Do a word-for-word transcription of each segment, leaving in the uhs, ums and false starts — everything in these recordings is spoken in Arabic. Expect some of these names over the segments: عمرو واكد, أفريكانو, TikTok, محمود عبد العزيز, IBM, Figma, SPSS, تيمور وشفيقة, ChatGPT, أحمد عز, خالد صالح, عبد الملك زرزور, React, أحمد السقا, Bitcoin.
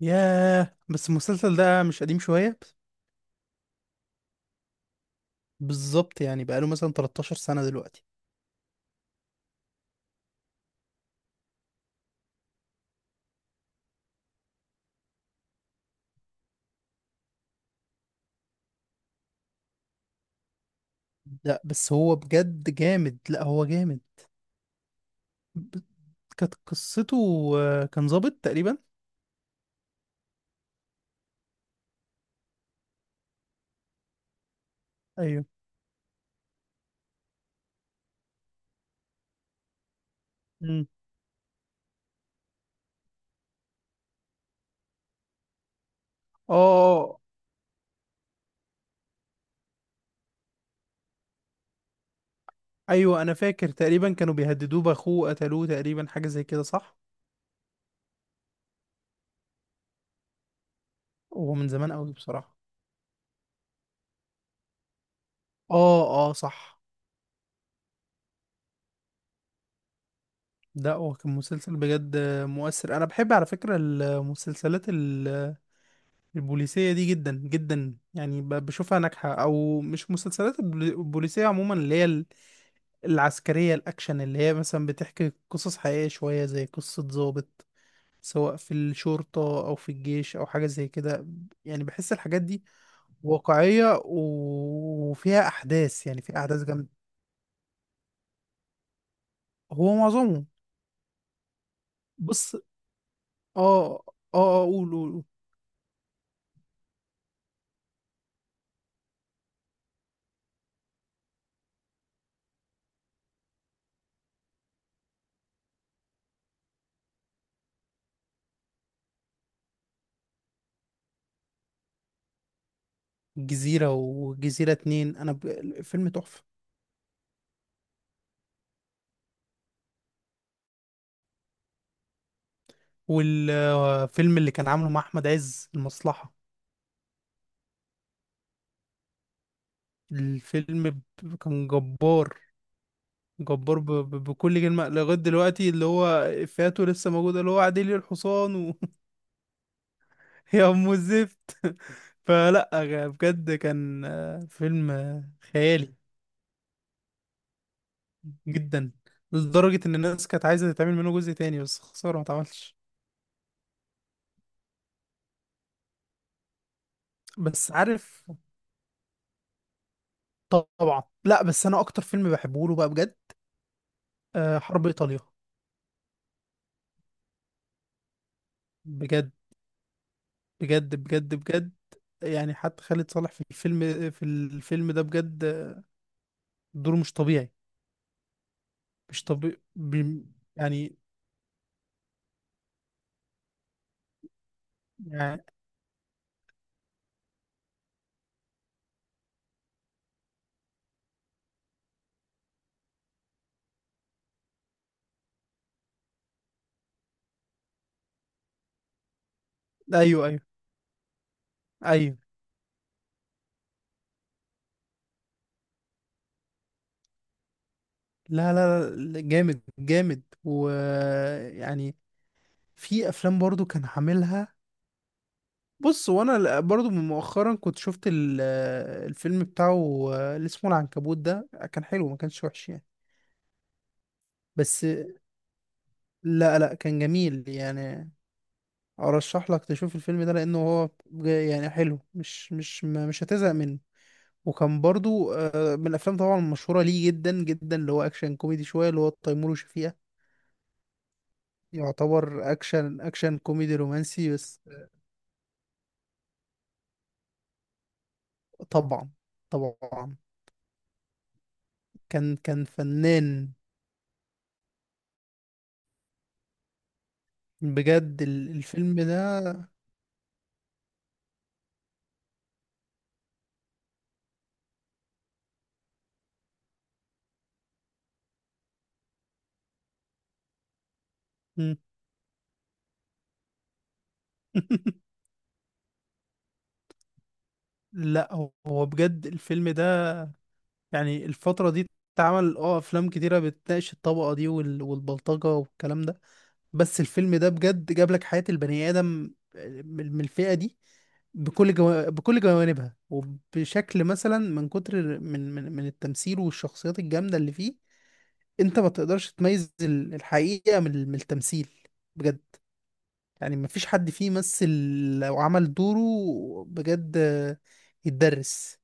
ياه، بس المسلسل ده مش قديم شوية؟ بالظبط، يعني بقاله مثلا تلتاشر سنة دلوقتي. لا بس هو بجد جامد، لا هو جامد. ب- كانت قصته آه، كان ظابط تقريبا. ايوه. امم. اه. ايوه انا فاكر تقريبا كانوا بيهددوه باخوه، قتلوه تقريبا، حاجة زي كده صح؟ هو من زمان قوي بصراحة. اه اه صح. ده هو كان مسلسل بجد آه، مؤثر. انا بحب على فكرة المسلسلات البوليسية دي جدا جدا، يعني ب- بشوفها ناجحة. أو مش مسلسلات البولي- البوليسية عموما اللي هي ال- العسكرية الأكشن، اللي هي مثلا بتحكي قصص حقيقية شوية زي قصة ضابط، سواء في الشرطة أو في الجيش أو حاجة زي كده. يعني بحس الحاجات دي واقعية و- وفيها أحداث، يعني في أحداث جامدة. هو معظمه. بص آه. آه. آه، قول قول قول. الجزيرة والجزيرة اتنين، أنا ب... الفيلم تحفة. والفيلم اللي كان عامله مع أحمد عز، المصلحة. الفيلم ب- كان جبار، جبار ب... ب... بكل كلمة لغاية دلوقتي، اللي هو إفيهاته لسه موجودة، اللي هو عديلي الحصان و... يا أم الزفت فلا غ- بجد كان آه، فيلم آه، خيالي جدا، لدرجة إن الناس كانت عايزة تتعمل منه جزء تاني، بس خسارة ما اتعملش. بس عارف، طبعا، لا بس أنا أكتر فيلم بحبه له بقى بجد آه، حرب إيطاليا. بجد، بجد بجد بجد، يعني حتى خالد صالح في الفيلم، في الفيلم ده بجد دوره مش طبيعي. مش طبيعي يعني. يعني. ايوه ايوه ايوه. لا لا لا، جامد جامد، ويعني في افلام برضو كان عاملها. بص، وانا ل- برضو من مؤخرا كنت شفت ال- الفيلم بتاعه اللي اسمه العنكبوت ده، كان حلو، ما كانش وحش يعني. بس لا لا، كان جميل يعني. ارشح لك تشوف الفيلم ده، لانه هو بج- يعني حلو، مش مش ما- مش هتزهق منه. وكان برضو آه، من الافلام طبعا المشهوره ليه جدا جدا، اللي هو اكشن كوميدي شويه، اللي هو تيمور وشفيقة. يعتبر اكشن، اكشن كوميدي رومانسي بس. طبعا، طبعا. كان كان فنان. بجد ال- الفيلم ده. مم. لا هو، هو بجد الفيلم ده، يعني الفتره دي اتعمل اه افلام كتيره بتناقش الطبقه دي وال- والبلطجه والكلام ده، بس الفيلم ده بجد جاب لك حياة البني آدم آه، من من الفئة دي بكل جو... بكل جوانبها وبشكل مثلا من كتر من من, من التمثيل والشخصيات الجامدة اللي فيه. انت ما تقدرش تميز ال- الحقيقة من, ال- من التمثيل. بجد يعني ما فيش حد فيه مثل، لو عمل دوره بجد آه، يتدرس.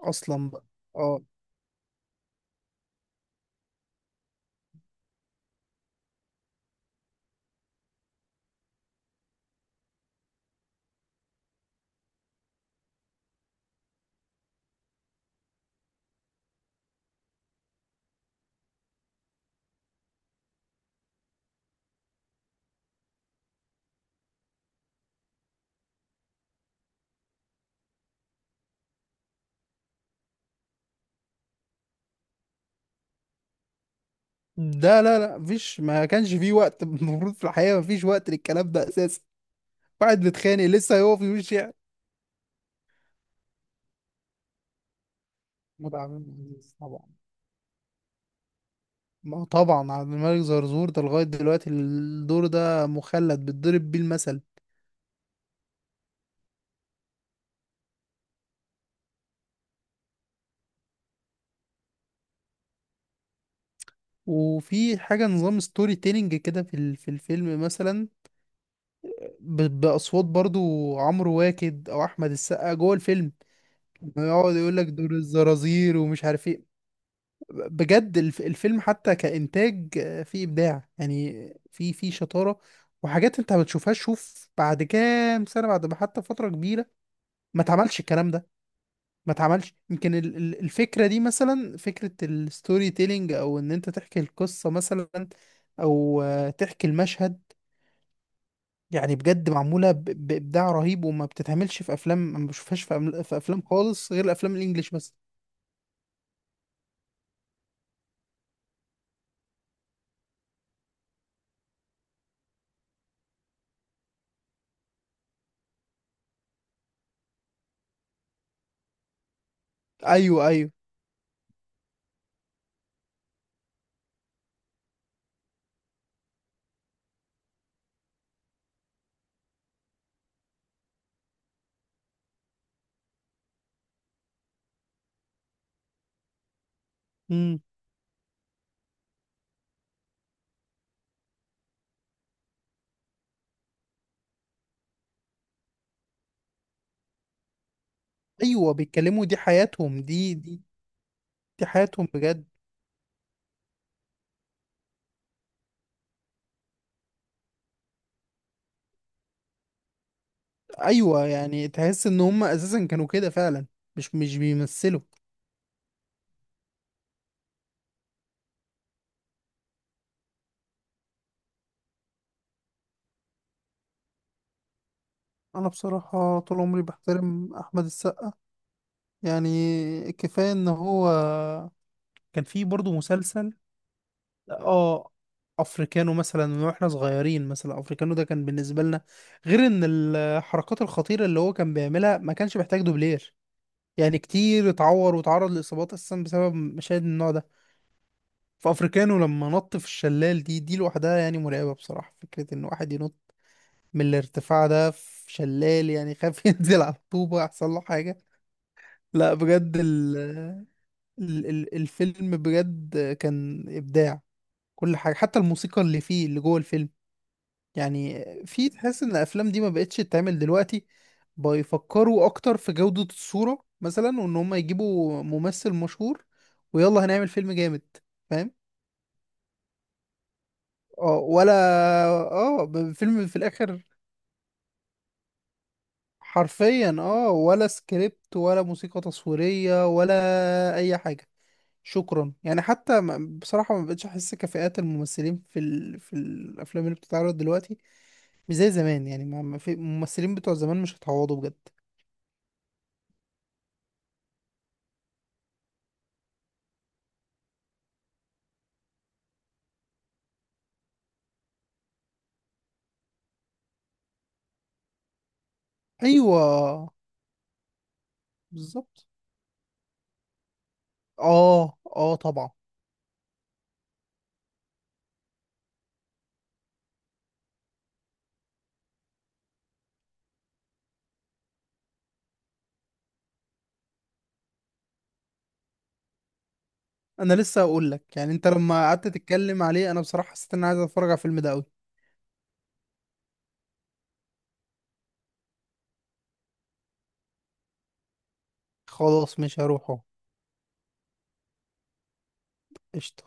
اصلا بقى، اه. ده لا لا، مفيش ما كانش فيه وقت المفروض في الحياة ما فيش وقت للكلام ده اساسا. واحد متخانق لسه هيقف يمشي. محمود عبد العزيز طبعا، ما هو طبعا عبد الملك زرزور ده لغاية دلوقتي الدور ده مخلد بيتضرب بيه المثل. وفي حاجة نظام ستوري تيلينج كده في ال- في الفيلم مثلا، ب- بأصوات برضو، عمرو واكد أو أحمد السقا جوه الفيلم يقعد يقول لك دور الزرازير ومش عارف ايه. بجد الف- الفيلم حتى كإنتاج فيه إبداع يعني، في في شطارة وحاجات انت ما بتشوفهاش. شوف بعد كام سنة، بعد ما حتى فترة كبيرة، ما اتعملش الكلام ده. ما اتعملش، يمكن ال- ال- الفكرة دي مثلا، فكرة الستوري تيلينج، او ان انت تحكي القصة مثلا، او آه، تحكي المشهد. يعني بجد معمولة ب- بإبداع رهيب، وما بتتعملش في افلام، ما بشوفهاش في أم- في افلام خالص غير افلام الانجليش بس. ايوه ايوه. امم. ايوه بيتكلموا، دي حياتهم، دي دي دي حياتهم بجد. ايوه يعني تحس ان هم اساسا كانوا كده فعلا، مش مش بيمثلوا. انا بصراحة طول عمري بحترم احمد السقا. يعني كفاية ان هو كان في برضه مسلسل. اه، افريكانو مثلا، من واحنا صغيرين مثلا افريكانو ده كان بالنسبه لنا، غير ان الحركات الخطيره اللي هو كان بيعملها ما كانش محتاج دوبلير، يعني كتير اتعور وتعرض لاصابات اساسا بسبب مشاهد من النوع ده. فافريكانو لما نط في الشلال، دي دي لوحدها يعني مرعبه بصراحه، فكره ان واحد ينط من الارتفاع ده في شلال، يعني خاف ينزل على الطوبه يحصل له حاجه. لا بجد ال ال- ال- الفيلم بجد كان ابداع، كل حاجة حتى الموسيقى اللي فيه، اللي جوه الفيلم. يعني في تحس ان الافلام دي ما بقتش تتعمل دلوقتي، بيفكروا اكتر في جودة الصورة مثلا، وان هم يجيبوا ممثل مشهور ويلا هنعمل فيلم جامد. فاهم. اه، ولا. اه، ب- فيلم في الاخر. حرفيا، اه، ولا سكريبت ولا موسيقى تصويرية ولا اي حاجة. شكرا، يعني حتى ما- بصراحة ما بقتش احس كفاءات الممثلين في ال... في الافلام اللي بتتعرض دلوقتي، مش زي زمان يعني، ما ما في الممثلين بتوع زمان مش هيتعوضوا بجد. ايوه. بالظبط. اه اه طبعا. انا لسه اقول لك، يعني انت لما قعدت تتكلم عليه انا بصراحه حسيت ان انا عايز اتفرج على الفيلم ده قوي. خلاص، مش هروحه. قشطه.